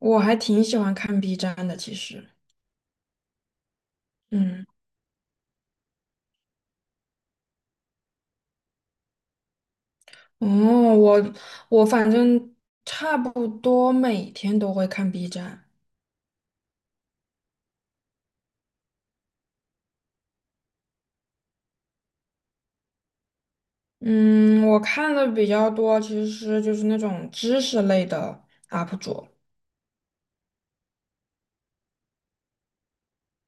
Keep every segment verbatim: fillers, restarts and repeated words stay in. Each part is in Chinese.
我还挺喜欢看 B 站的，其实，嗯，哦，我我反正差不多每天都会看 B 站。嗯，我看的比较多，其实就是那种知识类的 U P 主，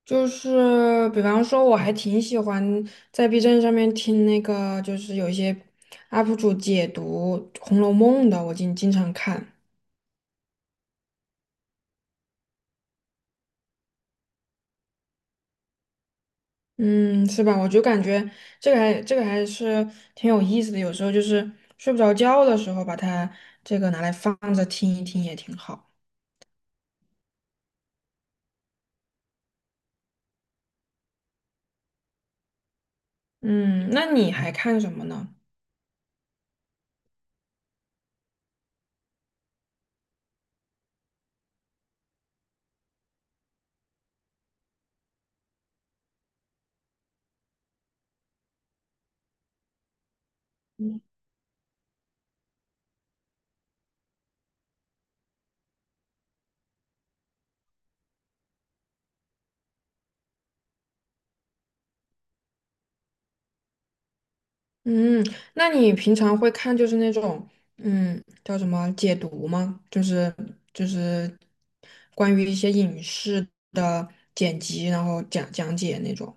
就是比方说，我还挺喜欢在 B 站上面听那个，就是有一些 U P 主解读《红楼梦》的，我经经常看。嗯，是吧？我就感觉这个还这个还是挺有意思的，有时候就是睡不着觉的时候，把它这个拿来放着听一听也挺好。嗯，那你还看什么呢？嗯，那你平常会看就是那种嗯叫什么解读吗？就是就是关于一些影视的剪辑，然后讲讲解那种。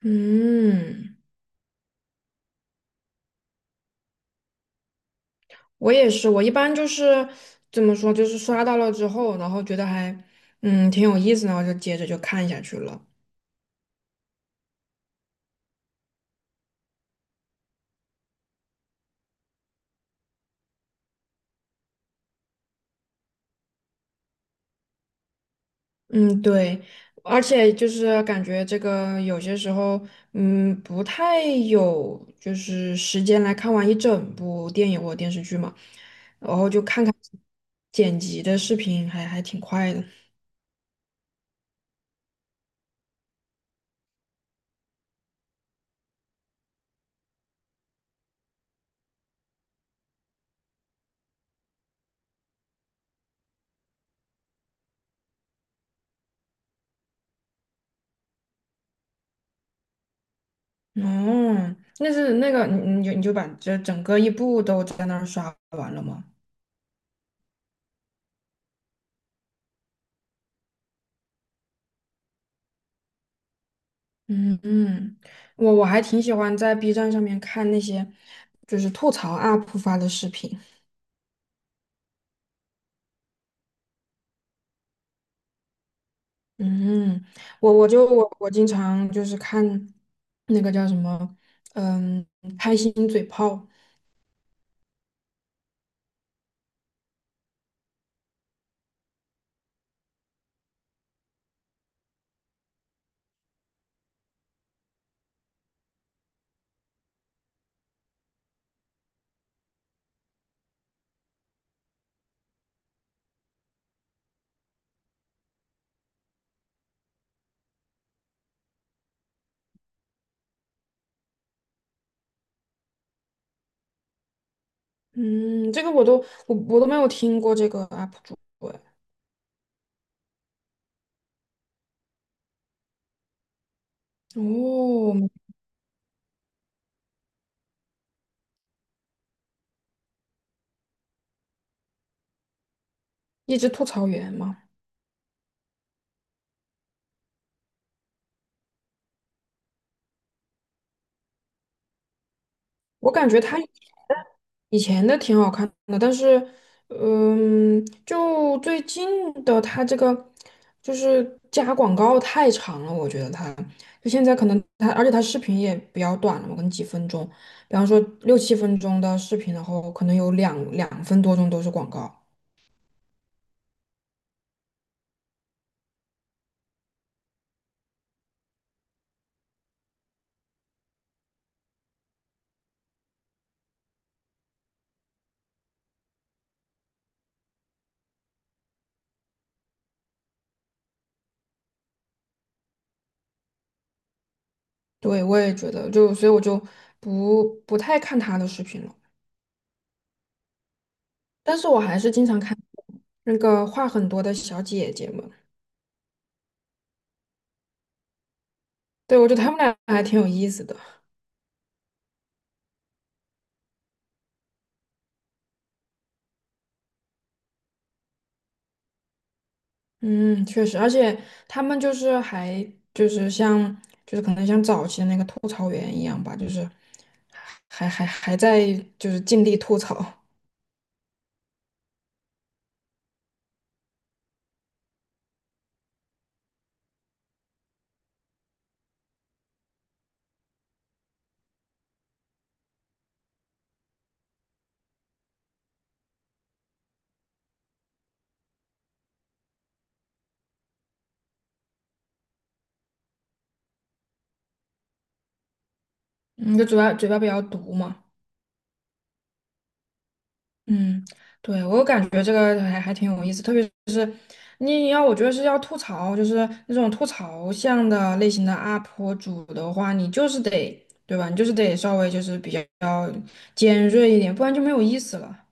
嗯。我也是，我一般就是怎么说，就是刷到了之后，然后觉得还嗯挺有意思，然后就接着就看下去了。嗯，对，而且就是感觉这个有些时候，嗯，不太有就是时间来看完一整部电影或者电视剧嘛，然后就看看剪辑的视频还，还挺快的。哦，那是那个，你你就你就把这整个一部都在那儿刷完了吗？嗯嗯，我我还挺喜欢在 B 站上面看那些就是吐槽 U P 发的视频。嗯，我我就我我经常就是看那个叫什么，嗯，开心嘴炮。嗯，这个我都我我都没有听过这个 U P 主哎。哦，一只吐槽员嘛，我感觉他以前的挺好看的，但是，嗯，就最近的它这个就是加广告太长了，我觉得它就现在可能它，而且它视频也比较短了嘛，可能几分钟，比方说六七分钟的视频，然后可能有两两分多钟都是广告。对，我也觉得，就所以我就不不太看他的视频了，但是我还是经常看那个话很多的小姐姐们。对，我觉得她们俩还挺有意思的。嗯，确实，而且他们就是还就是像就是可能像早期的那个吐槽员一样吧，就是还还还在就是尽力吐槽。嗯，就嘴巴嘴巴比较毒嘛。嗯，对，我感觉这个还还挺有意思，特别是你要我觉得是要吐槽，就是那种吐槽向的类型的 U P 主的话，你就是得对吧，你就是得稍微就是比较尖锐一点，不然就没有意思了。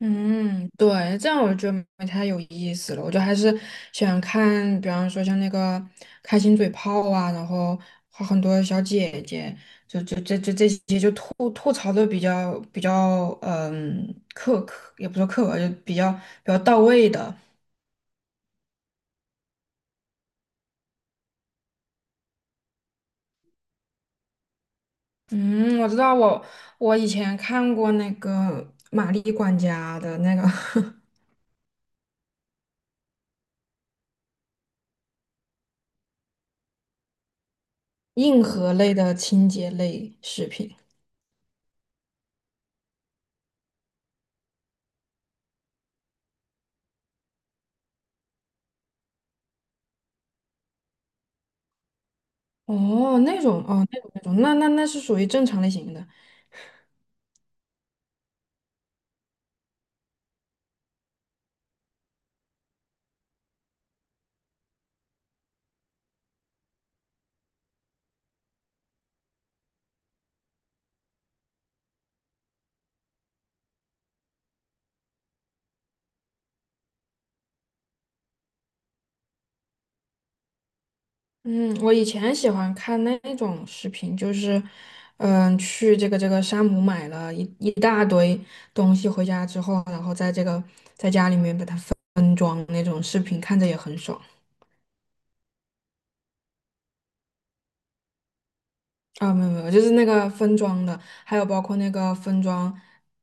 嗯，对，这样我就觉得没太有意思了。我就还是喜欢看，比方说像那个开心嘴炮啊，然后和很多小姐姐吐吐槽的比较比较，嗯，刻刻也不说刻薄，就比较比较到位的。嗯，我知道我，我以前看过那个玛丽管家的那个 硬核类的清洁类视频。哦，那种哦，那种那种，那那那是属于正常类型的。嗯，我以前喜欢看那种视频，就是，嗯，去这个这个山姆买了一一大堆东西回家之后，然后在这个在家里面把它分装那种视频，看着也很爽。啊。没有没有，就是那个分装的，还有包括那个分装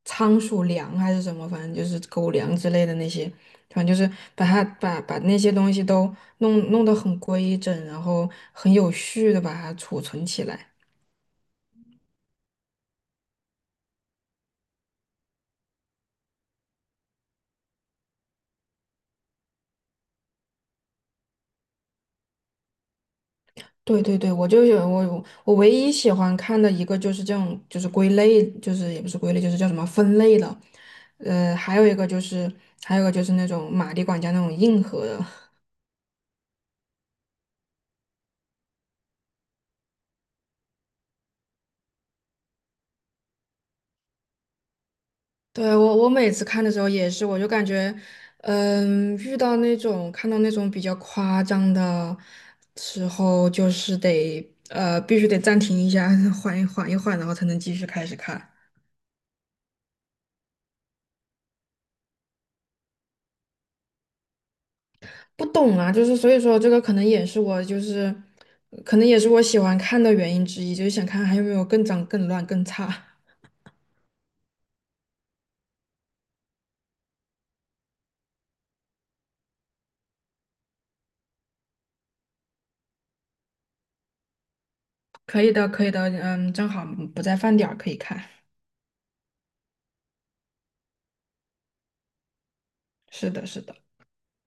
仓鼠粮还是什么，反正就是狗粮之类的那些，反正就是把它把把那些东西都弄弄得很规整，然后很有序的把它储存起来。对对对，我就有我我唯一喜欢看的一个就是这种，就是归类，就是也不是归类，就是叫什么分类了，呃，还有一个就是还有一个就是那种马里管家那种硬核的。对，我我每次看的时候也是，我就感觉，嗯，遇到那种看到那种比较夸张的时候，就是得呃必须得暂停一下。缓一缓一缓，然后才能继续开始看。不懂啊，就是所以说这个可能也是我就是，可能也是我喜欢看的原因之一，就是想看还有没有更脏、更乱、更差。可以的，可以的，嗯，正好不在饭点儿可以看。是的，是的。